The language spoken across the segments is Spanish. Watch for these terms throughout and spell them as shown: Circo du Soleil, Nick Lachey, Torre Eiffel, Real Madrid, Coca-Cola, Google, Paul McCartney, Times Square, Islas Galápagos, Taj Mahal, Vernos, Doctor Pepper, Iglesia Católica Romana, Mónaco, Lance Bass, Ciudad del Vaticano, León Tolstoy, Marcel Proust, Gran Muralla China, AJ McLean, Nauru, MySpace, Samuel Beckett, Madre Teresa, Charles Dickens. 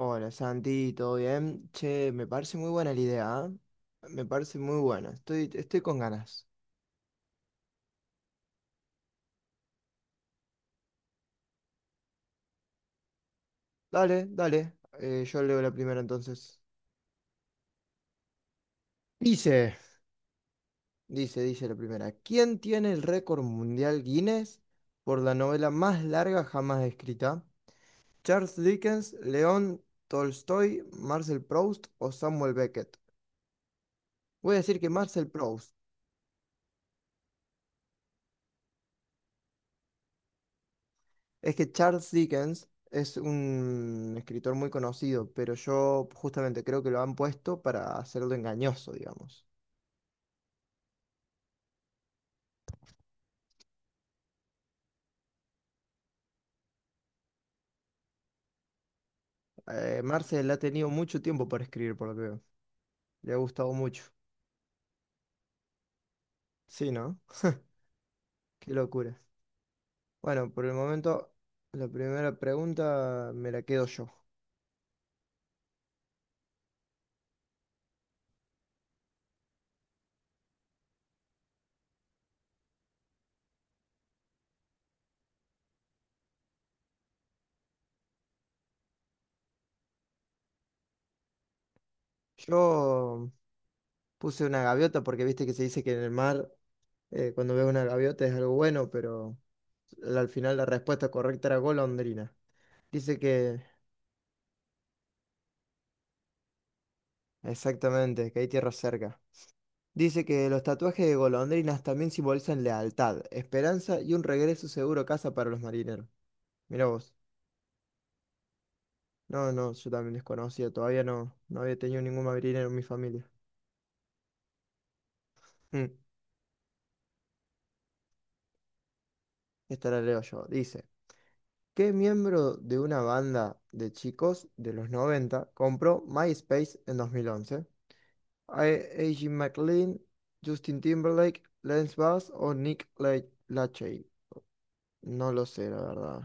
Hola Santi, ¿todo bien? Che, me parece muy buena la idea, ¿eh? Me parece muy buena, estoy con ganas. Dale, dale, yo leo la primera entonces. Dice, dice la primera, ¿quién tiene el récord mundial Guinness por la novela más larga jamás escrita? ¿Charles Dickens, León Tolstoy, Marcel Proust o Samuel Beckett? Voy a decir que Marcel Proust. Es que Charles Dickens es un escritor muy conocido, pero yo justamente creo que lo han puesto para hacerlo engañoso, digamos. Marcel ha tenido mucho tiempo para escribir, por lo que veo. Le ha gustado mucho. Sí, ¿no? Qué locura. Bueno, por el momento, la primera pregunta me la quedo yo. Yo puse una gaviota porque viste que se dice que en el mar, cuando ves una gaviota es algo bueno, pero al final la respuesta correcta era golondrina. Dice que Exactamente, que hay tierra cerca. Dice que los tatuajes de golondrinas también simbolizan lealtad, esperanza y un regreso seguro a casa para los marineros. Mira vos. No, no, yo también desconocía, todavía no, no había tenido ningún marinero en mi familia. Mm, esta la leo yo. Dice, ¿qué miembro de una banda de chicos de los 90 compró MySpace en 2011? AJ McLean, Justin Timberlake, Lance Bass o Lachey. No lo sé, la verdad.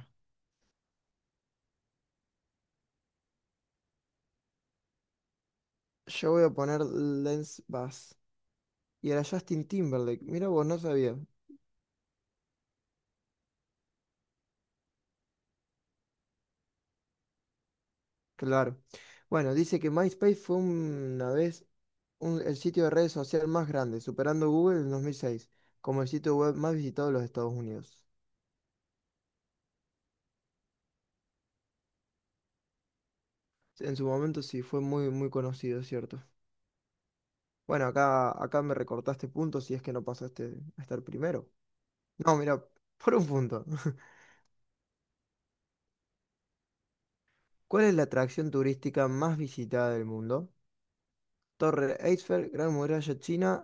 Yo voy a poner Lens Bass. Y era Justin Timberlake. Mira vos, no sabía. Claro. Bueno, dice que MySpace fue una vez el sitio de redes social más grande, superando Google en 2006, como el sitio web más visitado de los Estados Unidos. En su momento sí, fue muy, muy conocido, es ¿cierto? Bueno, acá me recortaste puntos si es que no pasaste a estar primero. No, mira, por un punto. ¿Cuál es la atracción turística más visitada del mundo? Torre Eiffel, Gran Muralla China,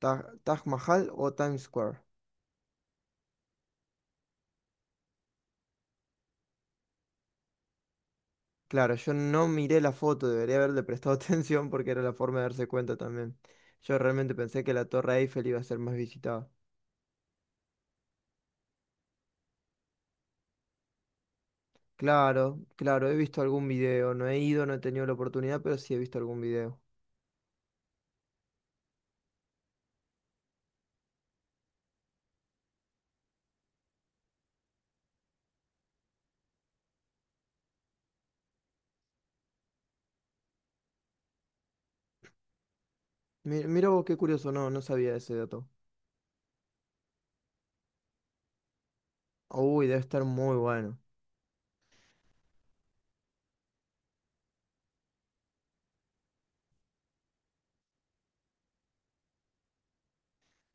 Taj Mahal o Times Square. Claro, yo no miré la foto, debería haberle prestado atención porque era la forma de darse cuenta también. Yo realmente pensé que la Torre Eiffel iba a ser más visitada. Claro, claro, he visto algún video, no he ido, no he tenido la oportunidad, pero sí he visto algún video. Mira vos qué curioso, no, no sabía ese dato. Uy, debe estar muy bueno.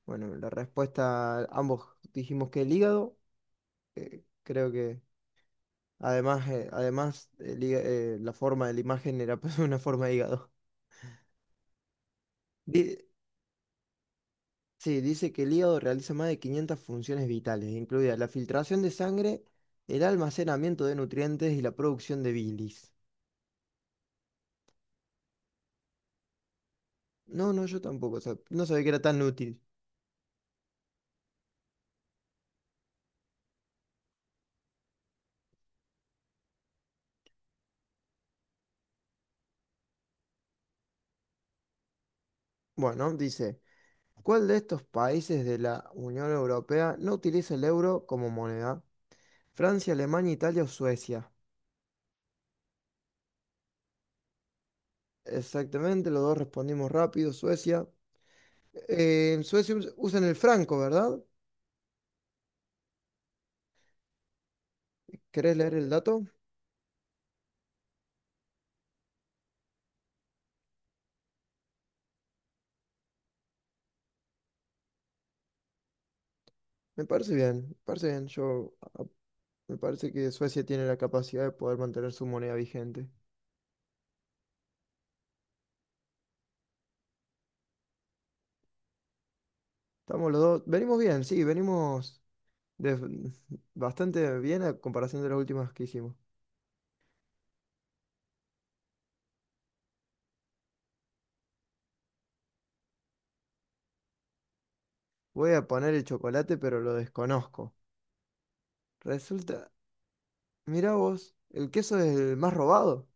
Bueno, la respuesta, ambos dijimos que el hígado, creo que además la forma de la imagen era pues una forma de hígado. Di- Sí, dice que el hígado realiza más de 500 funciones vitales, incluida la filtración de sangre, el almacenamiento de nutrientes y la producción de bilis. No, no, yo tampoco, no sabía que era tan útil. Bueno, dice, ¿cuál de estos países de la Unión Europea no utiliza el euro como moneda? Francia, Alemania, Italia o Suecia. Exactamente, los dos respondimos rápido, Suecia. En Suecia usan el franco, ¿verdad? ¿Querés leer el dato? Me parece bien, yo me parece que Suecia tiene la capacidad de poder mantener su moneda vigente. Estamos los dos. Venimos bien, sí, de- bastante bien a comparación de las últimas que hicimos. Voy a poner el chocolate, pero lo desconozco. Resulta, mirá vos, el queso es el más robado.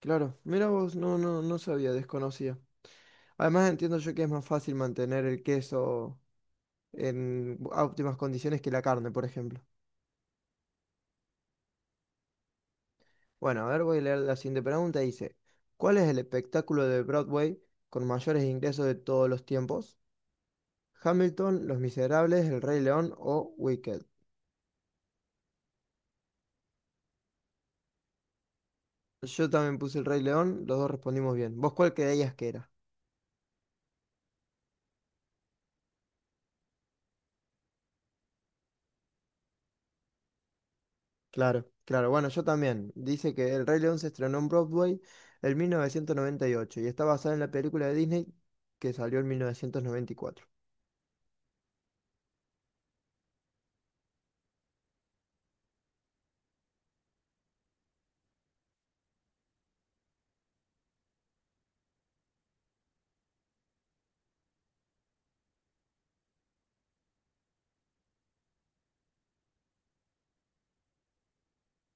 Claro, mirá vos, no, no, no sabía, desconocía. Además entiendo yo que es más fácil mantener el queso en óptimas condiciones que la carne, por ejemplo. Bueno, a ver, voy a leer la siguiente pregunta. Dice, ¿cuál es el espectáculo de Broadway con mayores ingresos de todos los tiempos? Hamilton, Los Miserables, El Rey León o Wicked. Yo también puse El Rey León, los dos respondimos bien. ¿Vos cuál creías que era? Claro, claro. Bueno, yo también. Dice que El Rey León se estrenó en Broadway en mil novecientos noventa y ocho y está basada en la película de Disney que salió en mil novecientos noventa y cuatro.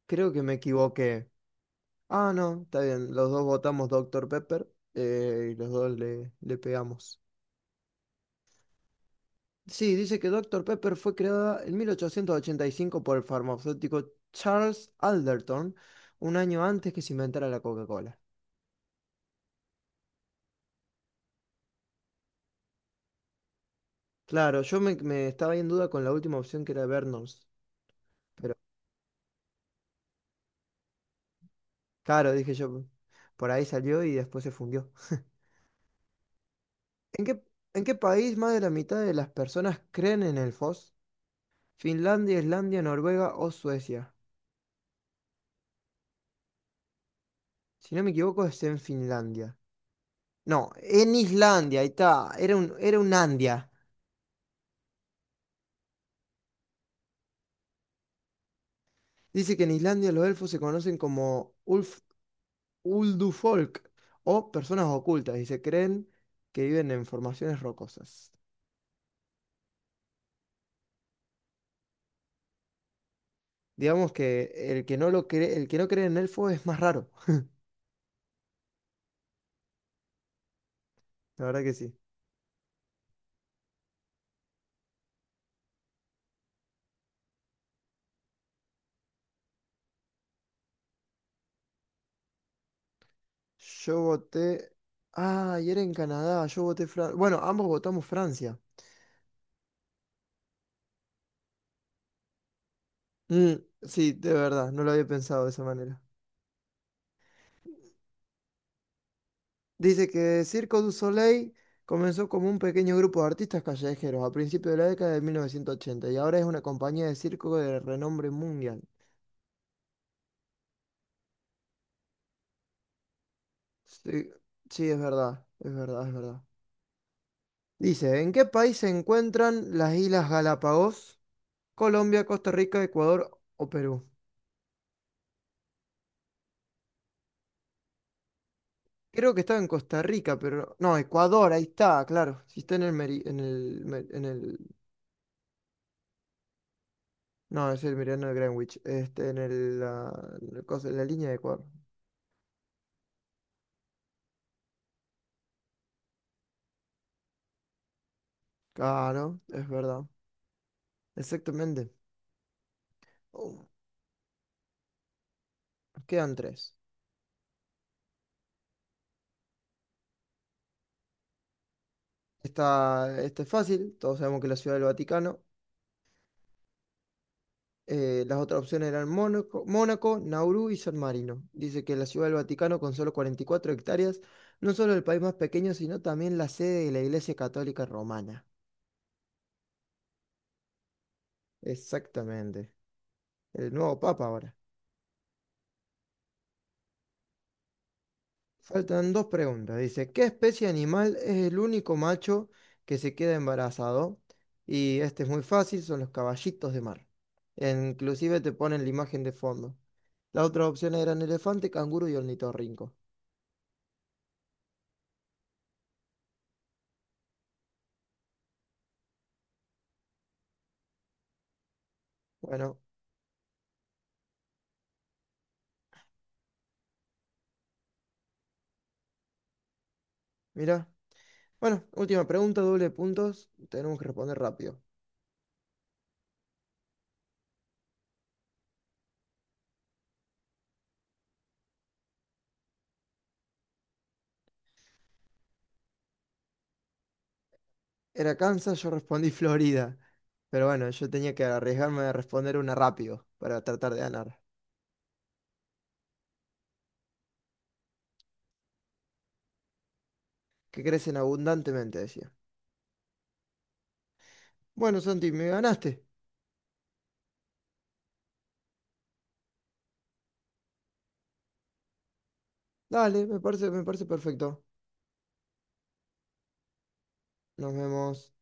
Creo que me equivoqué. Ah, no, está bien. Los dos votamos Doctor Pepper y los dos le pegamos. Sí, dice que Doctor Pepper fue creada en 1885 por el farmacéutico Charles Alderton, un año antes que se inventara la Coca-Cola. Claro, me estaba ahí en duda con la última opción que era Vernos, pero claro, dije yo, por ahí salió y después se fundió. ¿En qué, en qué país más de la mitad de las personas creen en el FOS? ¿Finlandia, Islandia, Noruega o Suecia? Si no me equivoco, es en Finlandia. No, en Islandia, ahí está, era un Andia. Dice que en Islandia los elfos se conocen como Ulf, Uldufolk o personas ocultas y se creen que viven en formaciones rocosas. Digamos que el que no cree en elfos es más raro. La verdad que sí. Yo voté. Ah, y era en Canadá, yo voté Francia. Bueno, ambos votamos Francia. Mm, sí, de verdad, no lo había pensado de esa manera. Dice que Circo du Soleil comenzó como un pequeño grupo de artistas callejeros a principios de la década de 1980 y ahora es una compañía de circo de renombre mundial. Sí, sí, es verdad, es verdad, es verdad. Dice, ¿en qué país se encuentran las Islas Galápagos? Colombia, Costa Rica, Ecuador o Perú. Creo que estaba en Costa Rica, pero... No, Ecuador, ahí está, claro. Si está en el... meri- En el, me- en el... No, es el meridiano de Greenwich. Este, en el, la cosa- la línea de Ecuador. Claro, es verdad. Exactamente. Oh, quedan tres. Esta es fácil, todos sabemos que es la Ciudad del Vaticano. Las otras opciones eran Mónaco, Mónaco, Nauru y San Marino. Dice que la Ciudad del Vaticano, con solo 44 hectáreas, no solo el país más pequeño, sino también la sede de la Iglesia Católica Romana. Exactamente. El nuevo Papa ahora. Faltan dos preguntas. Dice, ¿qué especie animal es el único macho que se queda embarazado? Y este es muy fácil, son los caballitos de mar. E Inclusive te ponen la imagen de fondo. Las otras opciones eran elefante, canguro y ornitorrinco. Bueno, mira. Bueno, última pregunta, doble de puntos. Tenemos que responder rápido. Era Kansas, yo respondí Florida. Pero bueno, yo tenía que arriesgarme a responder una rápido para tratar de ganar. Que crecen abundantemente, decía. Bueno, Santi, me ganaste. Dale, me parece perfecto. Nos vemos.